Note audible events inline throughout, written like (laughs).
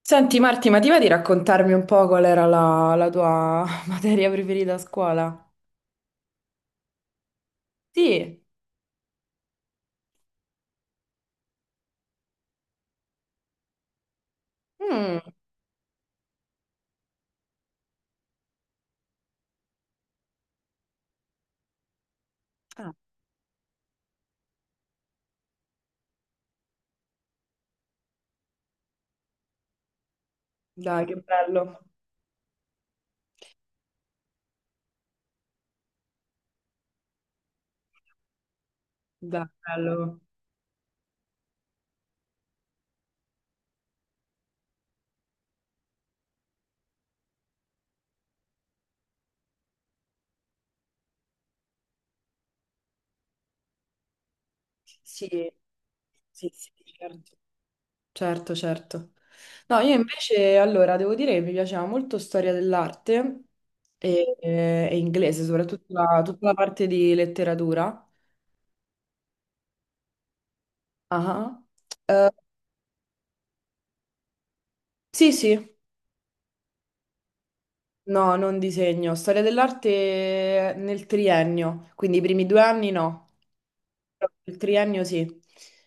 Senti Marti, ma ti va di raccontarmi un po' qual era la tua (laughs) materia preferita a scuola? Sì. Mm, dai, che bello. Dai, bello. Sì, sì, sì, certo. Certo, certo. No, io invece, allora, devo dire che mi piaceva molto storia dell'arte e inglese, soprattutto tutta la parte di letteratura. Ah. Eh, sì, sì. No, non disegno. Storia dell'arte nel triennio, quindi i primi due anni no, però il triennio sì,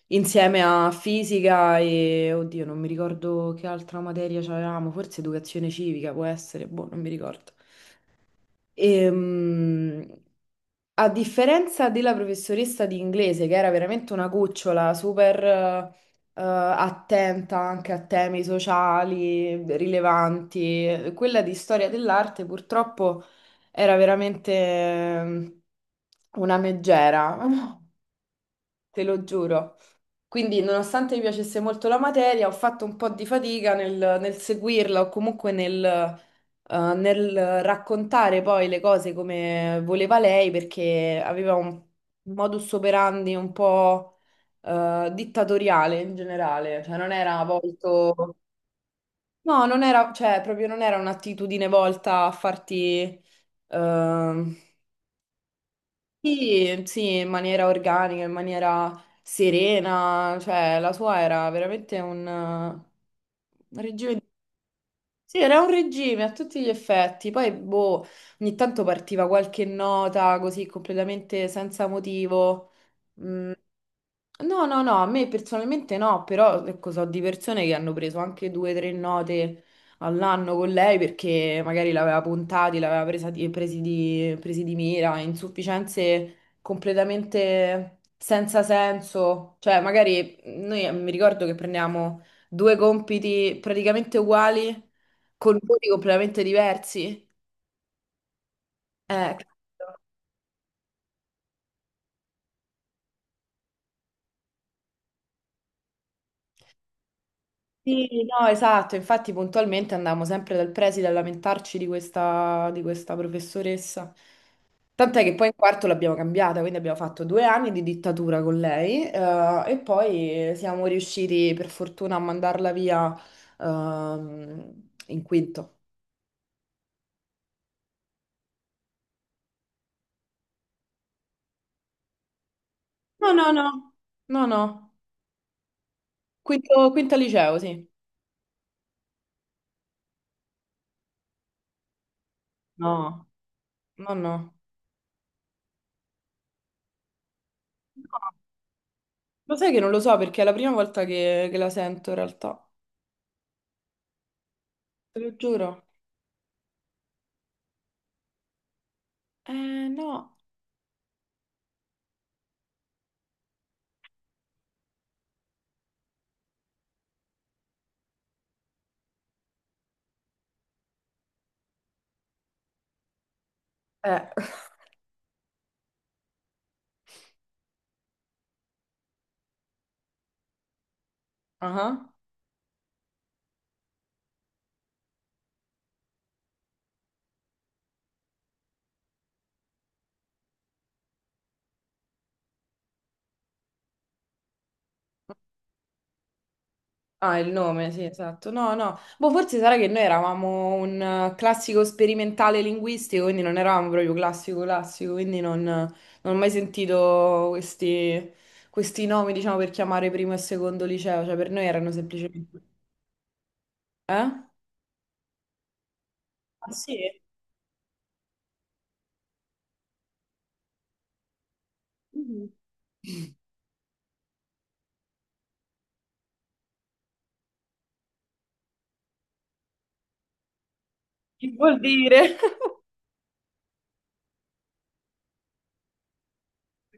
insieme a fisica e, oddio, non mi ricordo che altra materia c'avevamo, forse educazione civica può essere, boh, non mi ricordo. Ehm, A differenza della professoressa di inglese, che era veramente una cucciola, super attenta anche a temi sociali rilevanti, quella di storia dell'arte purtroppo era veramente una meggera, (laughs) te lo giuro. Quindi, nonostante mi piacesse molto la materia, ho fatto un po' di fatica nel seguirla o comunque nel, nel raccontare poi le cose come voleva lei, perché aveva un modus operandi un po' dittatoriale in generale, cioè non era volto... No, non era, cioè proprio non era un'attitudine volta a farti... ehm, sì, sì, in maniera organica, in maniera serena, cioè la sua era veramente un regime. Sì, era un regime a tutti gli effetti. Poi, boh, ogni tanto partiva qualche nota così completamente senza motivo. Mm. No, no, no, a me personalmente no, però ecco, so di persone che hanno preso anche due o tre note all'anno con lei perché magari l'aveva puntati, l'aveva presa di- presi di, presi di mira, insufficienze completamente senza senso. Cioè, magari noi mi ricordo che prendiamo due compiti praticamente uguali con voti completamente diversi. Eh, Sì, no, esatto, infatti puntualmente andavamo sempre dal preside a lamentarci di questa professoressa. Tant'è che poi in quarto l'abbiamo cambiata, quindi abbiamo fatto due anni di dittatura con lei e poi siamo riusciti per fortuna a mandarla via in quinto. No, no, no, no, no, quinto, quinta liceo, sì. No, no, no. No, lo sai che non lo so perché è la prima volta che la sento in realtà, te lo giuro. Eh, no. Eh. Ah, ah, il nome, sì, esatto. No, no. Boh, forse sarà che noi eravamo un classico sperimentale linguistico, quindi non eravamo proprio classico classico, quindi non ho mai sentito questi nomi, diciamo, per chiamare primo e secondo liceo. Cioè, per noi erano semplicemente... Eh? Ah, sì? Mhm. Che vuol dire? (laughs)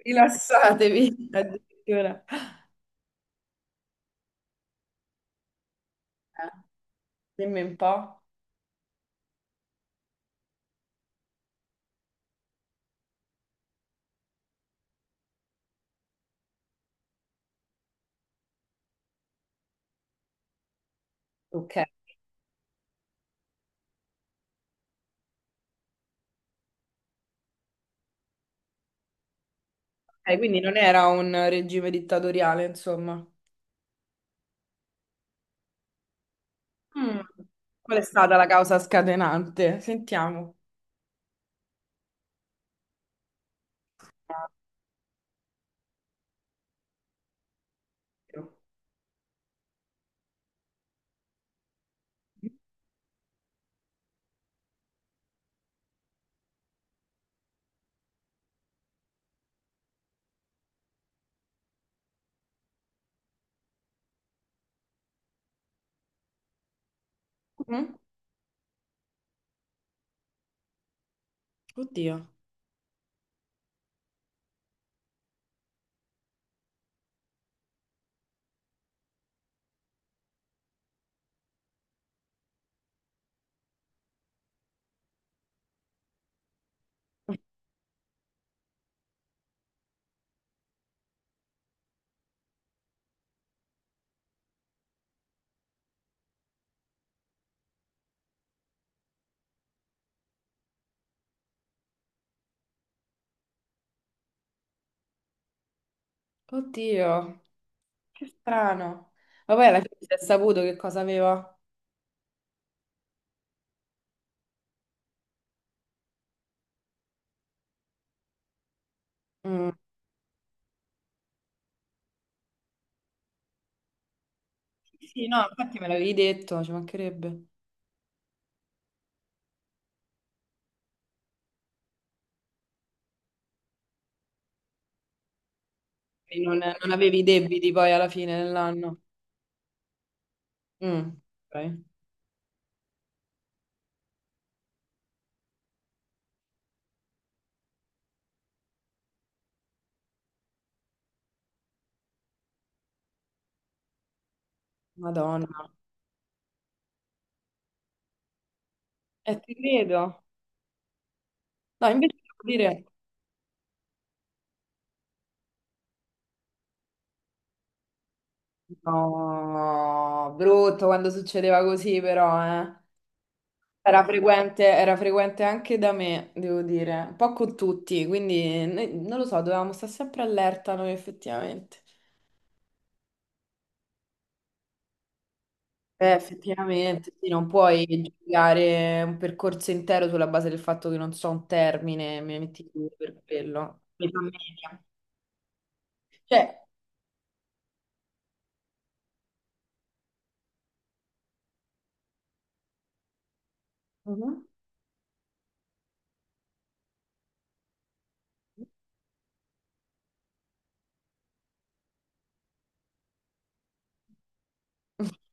Rilassatevi, addirittura. Eh, dimmi un po'. Ok. Ok, quindi non era un regime dittatoriale, insomma. Mm. Qual è stata la causa scatenante? Sentiamo. Mm? Oddio, oddio, che strano. Ma poi alla fine si è saputo che cosa aveva. Mm. Sì, sì, no, infatti me l'avevi detto, ci mancherebbe. E non avevi debiti poi alla fine dell'anno. Mm. Ok. Madonna. E ti credo. No, invece devo dire... No, brutto quando succedeva così però, eh. Era frequente anche da me, devo dire, un po' con tutti, quindi non lo so, dovevamo stare sempre allerta noi effettivamente. Effettivamente, sì, non puoi giudicare un percorso intero sulla base del fatto che non so un termine, mi metti tu per quello. Mi fa media. Cioè, mhm. (laughs)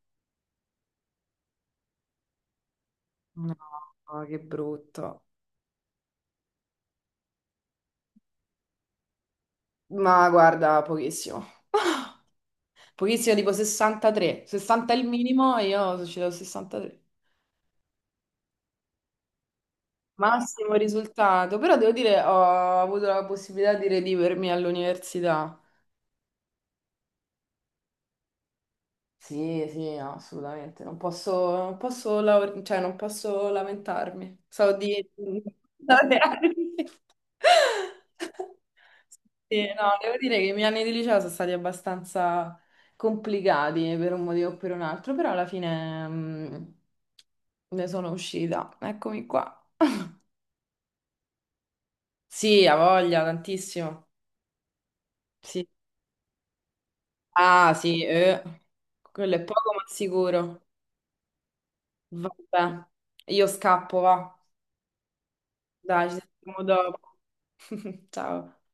No, che brutto. Ma guarda, pochissimo. (laughs) Pochissimo, tipo 63. 60 è il minimo e io sono uscita al 63. Massimo risultato, però devo dire, ho avuto la possibilità di redivermi all'università. Sì, sì, no, assolutamente. Non posso, non posso, cioè, non posso lamentarmi. So di... (laughs) Sì, no, devo dire che i miei anni di liceo sono stati abbastanza complicati per un motivo o per un altro, però alla fine ne sono uscita. Eccomi qua. Sì, ha voglia, tantissimo. Sì. Ah, sì, eh. Quello è poco ma sicuro. Vabbè, io scappo, va. Dai, ci sentiamo dopo. (laughs) Ciao.